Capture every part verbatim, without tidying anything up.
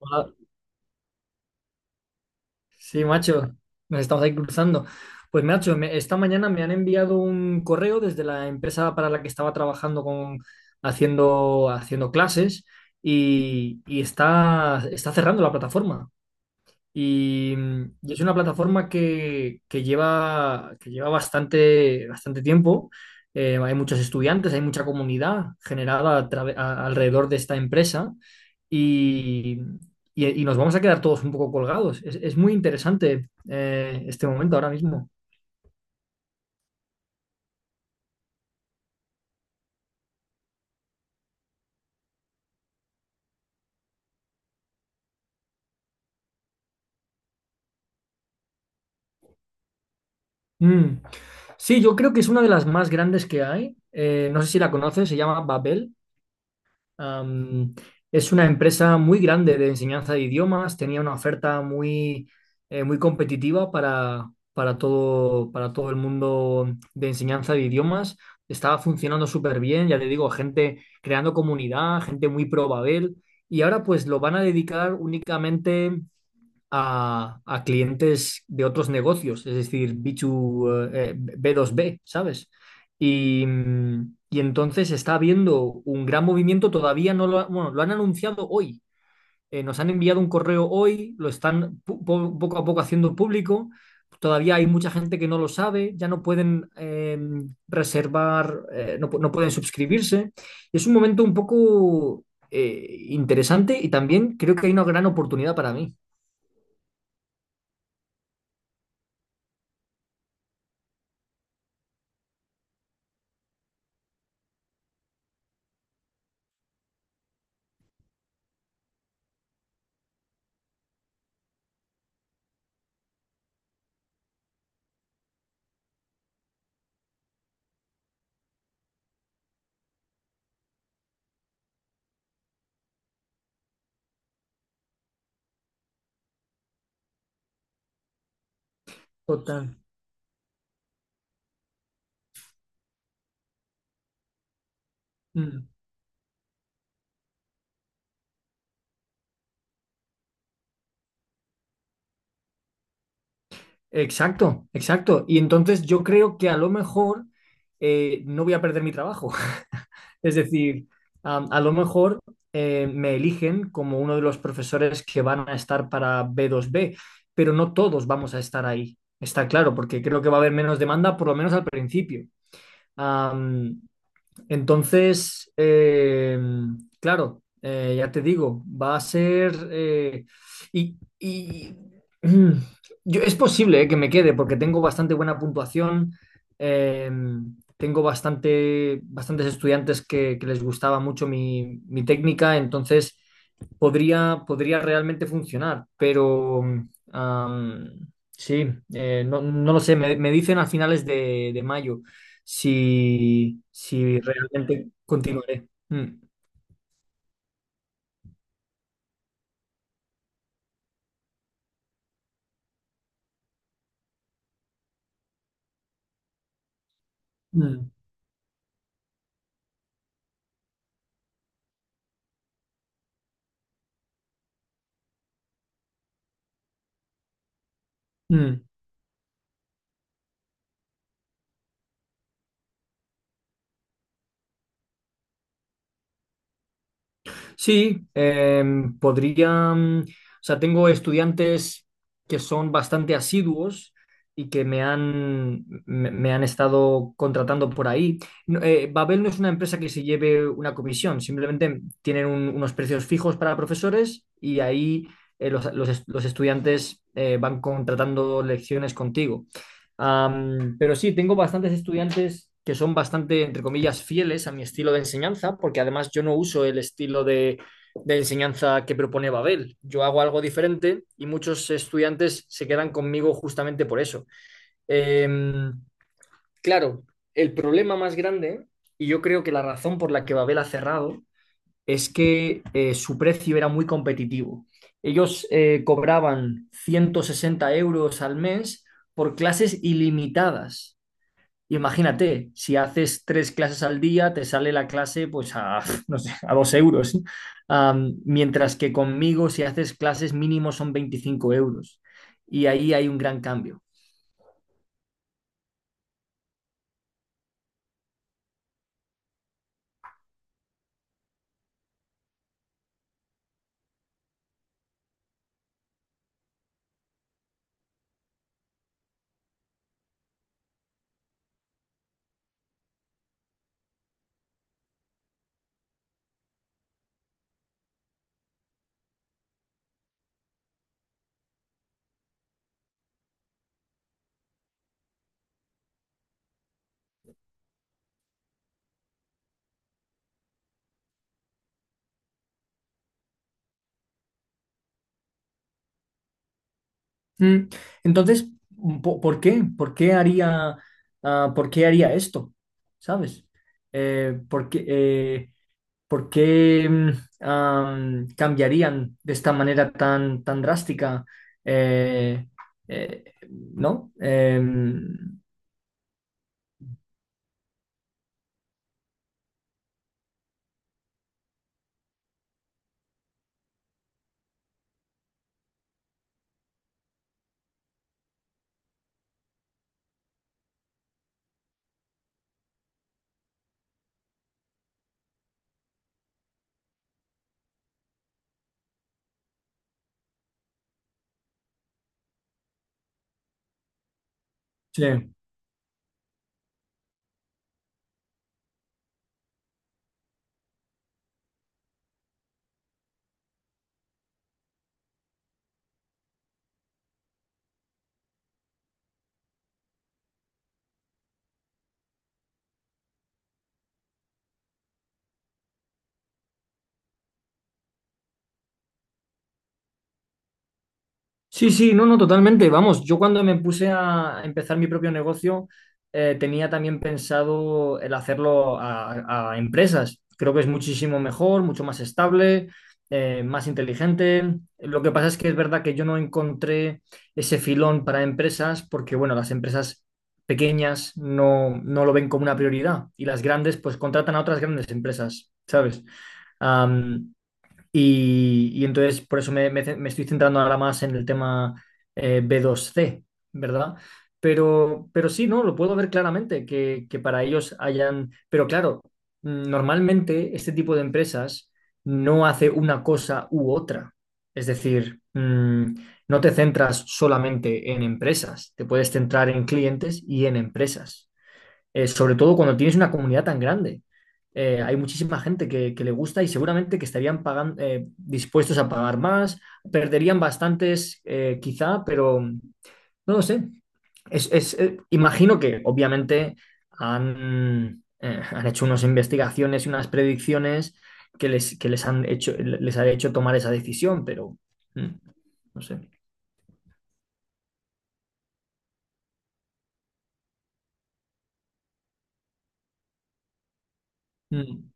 Hola. Sí, macho, nos estamos ahí cruzando. Pues, macho, me- esta mañana me han enviado un correo desde la empresa para la que estaba trabajando con, haciendo, haciendo clases y, y está, está cerrando la plataforma. Y, mm, y es una plataforma que, que lleva, que lleva bastante, bastante tiempo. Eh, hay muchos estudiantes, hay mucha comunidad generada a trave- a- alrededor de esta empresa y, y- y nos vamos a quedar todos un poco colgados. Es, es muy interesante eh, este momento ahora mismo. Mm. Sí, yo creo que es una de las más grandes que hay. Eh, no sé si la conoces, se llama Babel. Am, es una empresa muy grande de enseñanza de idiomas, tenía una oferta muy, eh, muy competitiva para, para todo, para todo el mundo de enseñanza de idiomas. Estaba funcionando súper bien, ya te digo, gente creando comunidad, gente muy pro Babel, y ahora pues lo van a dedicar únicamente a, a clientes de otros negocios, es decir, B dos, eh, B dos B, ¿sabes? Y, mm, y entonces está habiendo un gran movimiento, todavía no lo, ha- bueno, lo han anunciado hoy, eh, nos han enviado un correo hoy, lo están pu- po- poco a poco haciendo público, todavía hay mucha gente que no lo sabe, ya no pueden eh, reservar, eh, no, pu- no pueden suscribirse. Es un momento un poco... eh, interesante, y también creo que hay una gran oportunidad para mí. Total. Mm. Exacto, exacto. Y entonces yo creo que a lo mejor eh, no voy a perder mi trabajo. Es decir, am, a, lo mejor eh, me eligen como uno de los profesores que van a estar para b dos b, pero no todos vamos a estar ahí. Está claro, porque creo que va a haber menos demanda, por lo menos al principio. Entonces, eh, claro, eh, ya te digo, va a ser... eh, y y, mm, yo, es posible eh, que me quede porque tengo bastante buena puntuación, eh, tengo bastante, bastantes estudiantes que, que les gustaba mucho mi, mi técnica, entonces podría, podría realmente funcionar, pero am, sí, eh, no, no lo sé, me, me dicen a finales de de mayo si, si realmente continuaré. Mm, mm, mm. Sí, em, podría, mm, o sea, tengo estudiantes que son bastante asiduos y que me han, me, me han estado contratando por ahí. No, eh, Babel no es una empresa que se lleve una comisión, simplemente tienen un- unos precios fijos para profesores y ahí eh, los, los, los estudiantes eh, van contratando lecciones contigo. Am, pero sí, tengo bastantes estudiantes que son bastante, entre comillas, fieles a mi estilo de enseñanza, porque además yo no uso el estilo de, de enseñanza que propone Babel. Yo hago algo diferente y muchos estudiantes se quedan conmigo justamente por eso. Em, claro, el problema más grande, y yo creo que la razón por la que Babel ha cerrado, es que eh, su precio era muy competitivo. Ellos eh, cobraban ciento sesenta euros al mes por clases ilimitadas. Y imagínate, si haces tres clases al día, te sale la clase pues a, no sé, a dos euros. ¿Eh? Am, mientras que conmigo, si haces clases mínimo son veinticinco euros. Y ahí hay un gran cambio. Mm, Entonces, po- ¿por qué? ¿Por qué haría, ah, ¿por qué haría esto? ¿Sabes? Eh, porque, ¿Por qué mm, am, cambiarían de esta manera tan, tan drástica? Eh, eh, ¿no? Em, sí. Sí, sí, no, no, totalmente. Vamos, yo cuando me puse a empezar mi propio negocio, eh, tenía también pensado el hacerlo a, a empresas. Creo que es muchísimo mejor, mucho más estable, eh, más inteligente. Lo que pasa es que es verdad que yo no encontré ese filón para empresas porque, bueno, las empresas pequeñas no, no lo ven como una prioridad, y las grandes pues contratan a otras grandes empresas, ¿sabes? Am, y, y entonces por eso me, me- me estoy centrando ahora más en el tema eh, B dos C, ¿verdad? Pero, pero sí, ¿no? Lo puedo ver claramente, que, que para ellos hayan... Pero claro, mm, normalmente este tipo de empresas no hace una cosa u otra. Es decir, mm, no te centras solamente en empresas, te puedes centrar en clientes y en empresas eh, sobre todo cuando tienes una comunidad tan grande. Eh, hay muchísima gente que, que le gusta y seguramente que estarían pagan- eh, dispuestos a pagar más, perderían bastantes eh, quizá, pero no lo sé. Es, es, eh, imagino que obviamente han, eh, han hecho unas investigaciones y unas predicciones que les, que les han hecho, les ha hecho tomar esa decisión, pero mm, no sé. Mm.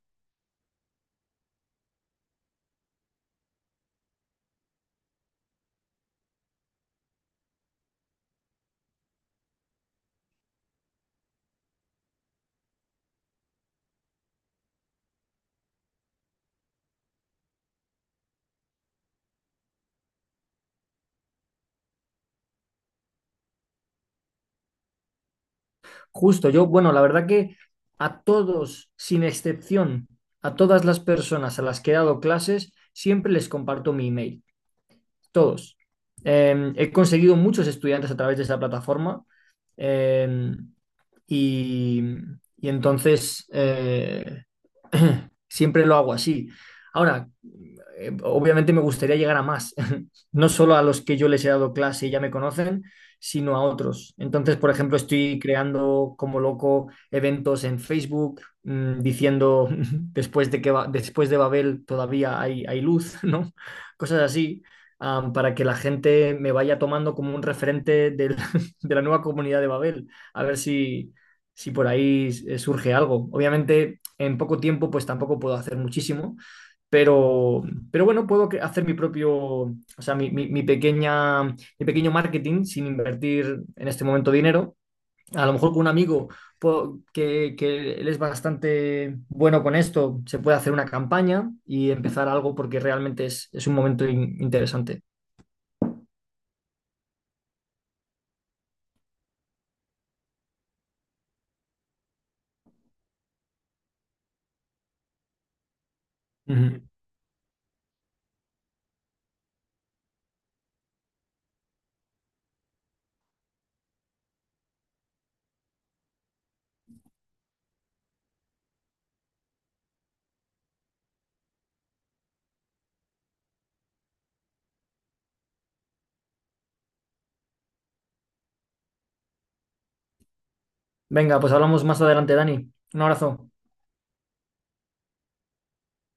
Justo, yo, bueno, la verdad que a todos, sin excepción, a todas las personas a las que he dado clases, siempre les comparto mi email, todos. Eh, he conseguido muchos estudiantes a través de esa plataforma eh, y, y entonces eh, siempre lo hago así. Ahora, eh, obviamente me gustaría llegar a más, no solo a los que yo les he dado clase y ya me conocen, sino a otros. Entonces, por ejemplo, estoy creando como loco eventos en Facebook, mm, diciendo después de que Ba- después de Babel todavía hay, hay luz, ¿no? Cosas así am, para que la gente me vaya tomando como un referente del- de la nueva comunidad de Babel, a ver si, si por ahí eh, surge algo. Obviamente, en poco tiempo, pues tampoco puedo hacer muchísimo, pero, pero bueno, puedo cre- hacer mi propio, o sea, mi, mi- mi pequeña, mi pequeño marketing sin invertir en este momento dinero. A lo mejor con un amigo puedo- que, que él es bastante bueno con esto, se puede hacer una campaña y empezar algo porque realmente es, es un momento in- interesante. Ujú. Venga, pues hablamos más adelante, Dani. Un abrazo.